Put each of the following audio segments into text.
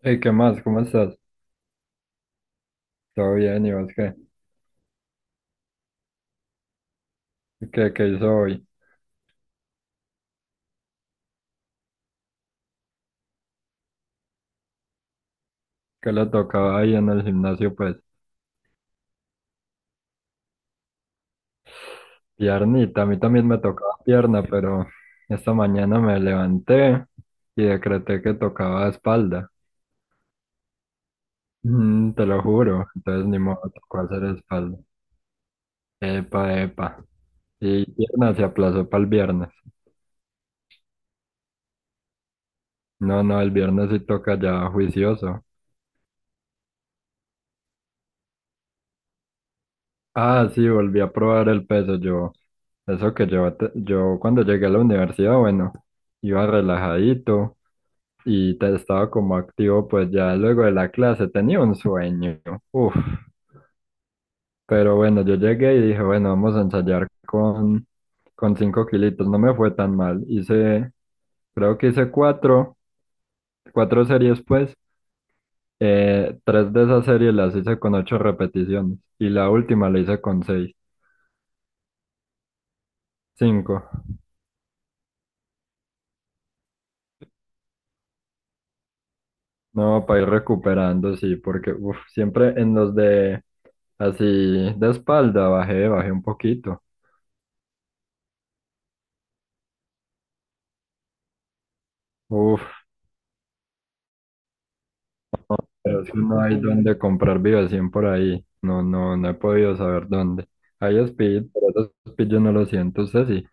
Hey, ¿qué más? ¿Cómo estás? ¿Todo bien? ¿Y vos qué? ¿Qué hizo hoy? ¿Qué le tocaba ahí en el gimnasio? Pues piernita, a mí también me tocaba pierna, pero esta mañana me levanté y decreté que tocaba espalda. Te lo juro, entonces ni modo, tocó hacer espalda. Epa, epa. Y pierna se aplazó para el viernes. No, no, el viernes sí toca ya juicioso. Ah, sí, volví a probar el peso yo. Eso que yo, yo cuando llegué a la universidad, bueno, iba relajadito y estaba como activo, pues ya luego de la clase tenía un sueño. Uf, pero bueno, yo llegué y dije, bueno, vamos a ensayar con 5 kilitos. No me fue tan mal. Hice, creo que hice cuatro series, pues. Tres de esas series las hice con ocho repeticiones y la última la hice con seis, cinco. No, para ir recuperando, sí, porque uf, siempre en los de así de espalda bajé, bajé un poquito. Uf, pero es que no hay dónde comprar Vivacien por ahí. No, no, no he podido saber dónde. Hay Speed, pero esos Speed yo no lo siento, usted sí.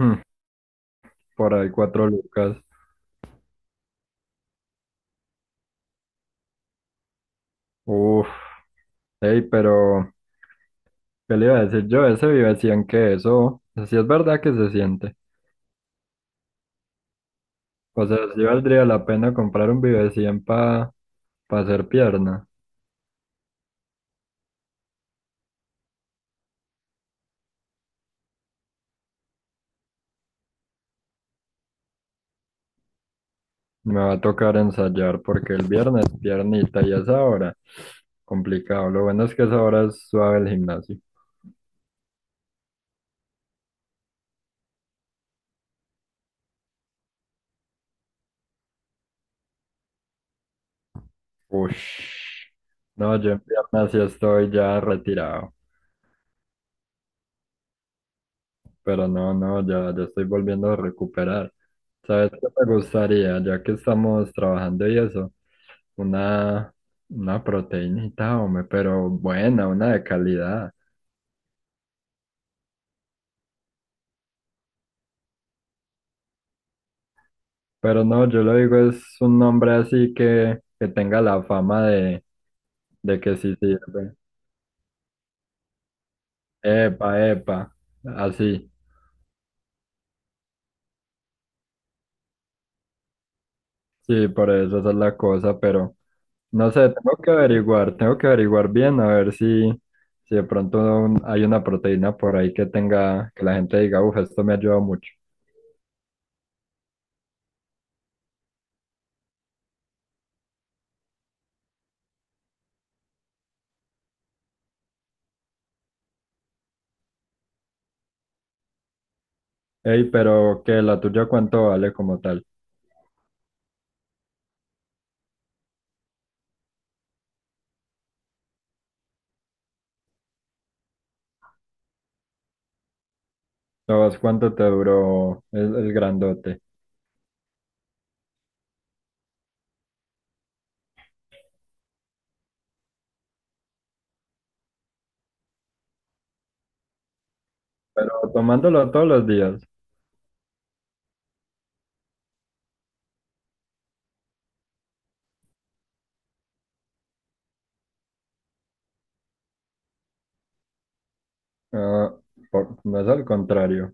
Mm, por ahí cuatro lucas. Uf, hey, pero ¿qué le iba a decir yo? Ese Vivacien que eso, si es verdad que se siente. O sea, sí valdría la pena comprar un Vivacien para hacer pierna. Me va a tocar ensayar porque el viernes piernita y esa hora, complicado. Lo bueno es que esa hora es suave el gimnasio. Ush. No, yo en piernas sí estoy ya retirado, pero no, no, ya, ya estoy volviendo a recuperar. ¿Sabes qué me gustaría? Ya que estamos trabajando y eso, una, una proteínita, hombre, pero buena, una de calidad. Pero no, yo lo digo, es un nombre así que tenga la fama de que sí sirve. Epa, epa, así, sí, por eso esa es la cosa, pero no sé, tengo que averiguar bien a ver si de pronto hay una proteína por ahí que tenga, que la gente diga, uff, esto me ayuda mucho. Ey, pero que la tuya cuánto vale como tal. ¿Sabes cuánto te duró el grandote, pero tomándolo todos los días? Ah, no es al contrario,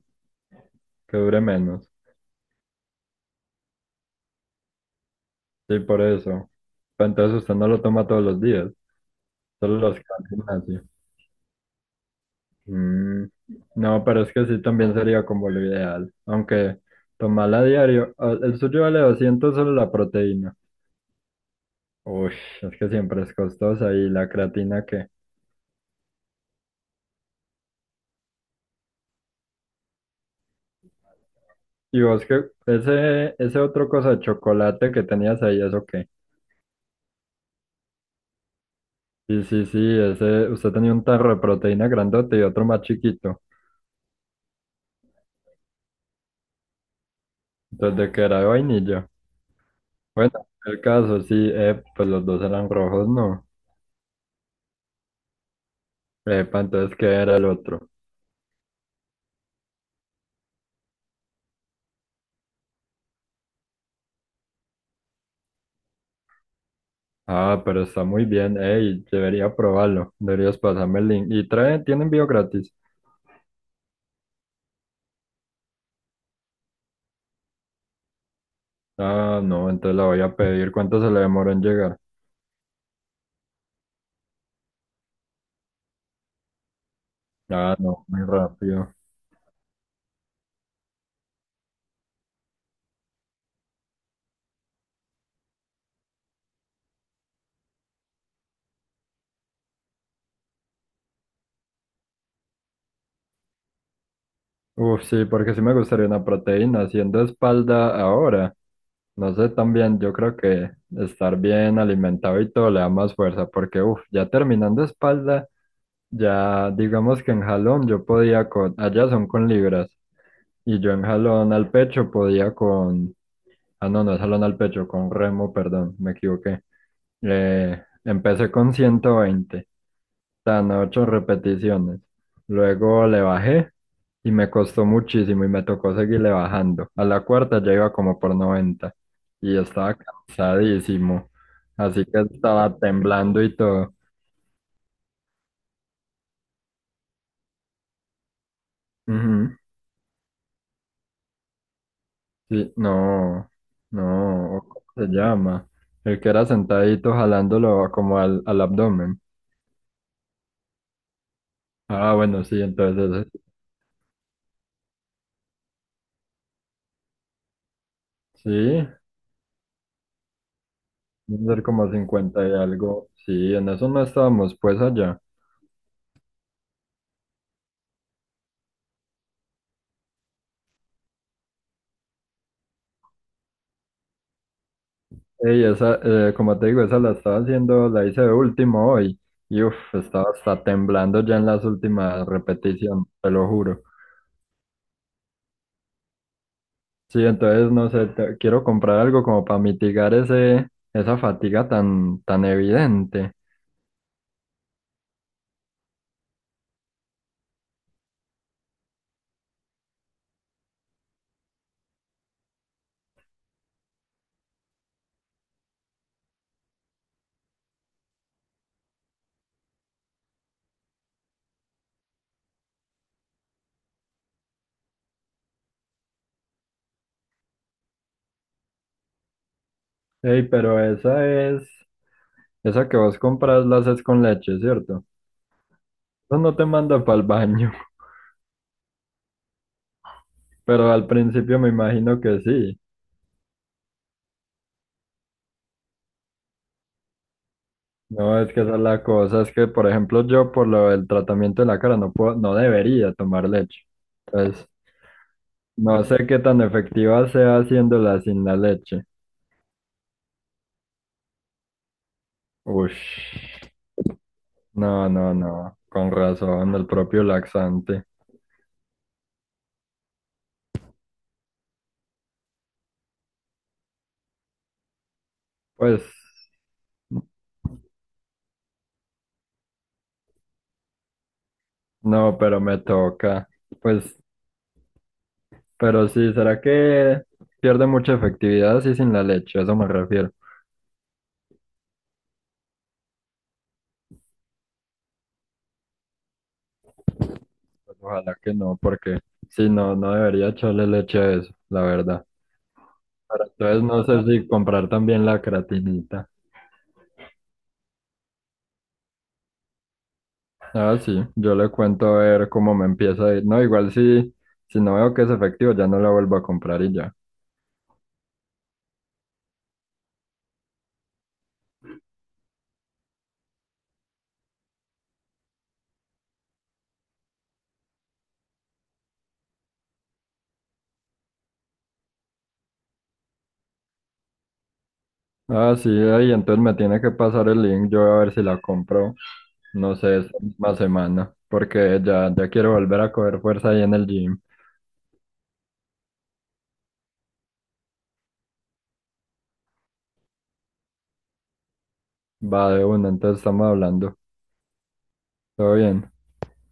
que dure menos, sí, por eso. Pero entonces usted no lo toma todos los días, solo los que va al gimnasio. Mm. No, pero es que sí también sería como lo ideal. Aunque tomarla a diario, ah, el suyo vale 200 solo la proteína. Uy, es que siempre es costosa y la creatina que... Y vos que ese otro cosa de chocolate que tenías ahí, ¿eso qué? Sí, sí, sí, ese, usted tenía un tarro de proteína grandote y otro más chiquito. Entonces, ¿de que era de vainilla? Bueno, el caso, sí, pues los dos eran rojos, no. Epa, entonces, ¿qué era el otro? Ah, pero está muy bien, ey, debería probarlo, deberías pasarme el link. ¿Y trae, tiene envío gratis? Ah, no, entonces la voy a pedir. ¿Cuánto se le demoró en llegar? Ah, no, muy rápido. Uf, sí, porque sí me gustaría una proteína. Haciendo espalda ahora, no sé, también yo creo que estar bien alimentado y todo le da más fuerza, porque uf, ya terminando espalda, ya digamos que en jalón yo podía con, allá son con libras, y yo en jalón al pecho podía con. Ah, no, no es jalón al pecho, con remo, perdón, me equivoqué. Empecé con 120 tan ocho repeticiones. Luego le bajé y me costó muchísimo y me tocó seguirle bajando. A la cuarta ya iba como por 90 y estaba cansadísimo, así que estaba temblando y todo. Ujú. Sí, no, no, ¿cómo se llama? El que era sentadito jalándolo como al abdomen. Ah, bueno, sí, entonces... ese. Sí. Deben ser como 50 y algo. Sí, en eso no estábamos pues allá. Ey, esa, como te digo, esa la estaba haciendo, la hice de último hoy. Y uff, estaba hasta temblando ya en las últimas repeticiones, te lo juro. Sí, entonces no sé, quiero comprar algo como para mitigar ese, esa fatiga tan, tan evidente. Ey, pero esa es, esa que vos compras la haces con leche, ¿cierto? Eso no te manda para el baño, pero al principio me imagino que sí. No, es que esa es la cosa, es que por ejemplo yo por lo del tratamiento de la cara no puedo, no debería tomar leche. Entonces, no sé qué tan efectiva sea haciéndola sin la leche. Ush, no, no, no, con razón, el propio laxante. Pues, no, pero me toca. Pues, pero sí, ¿será que pierde mucha efectividad así sin la leche? A eso me refiero. Pues, ojalá que no, porque si no, no debería echarle leche a eso, la verdad. Pero entonces no sé si comprar también la creatinita. Ah, sí, yo le cuento a ver cómo me empieza a ir. No, igual si no veo que es efectivo, ya no la vuelvo a comprar y ya. Ah, sí, ahí entonces me tiene que pasar el link, yo voy a ver si la compro, no sé, esta misma semana, porque ya, ya quiero volver a coger fuerza ahí en el gym. Va de una, entonces estamos hablando. Todo bien.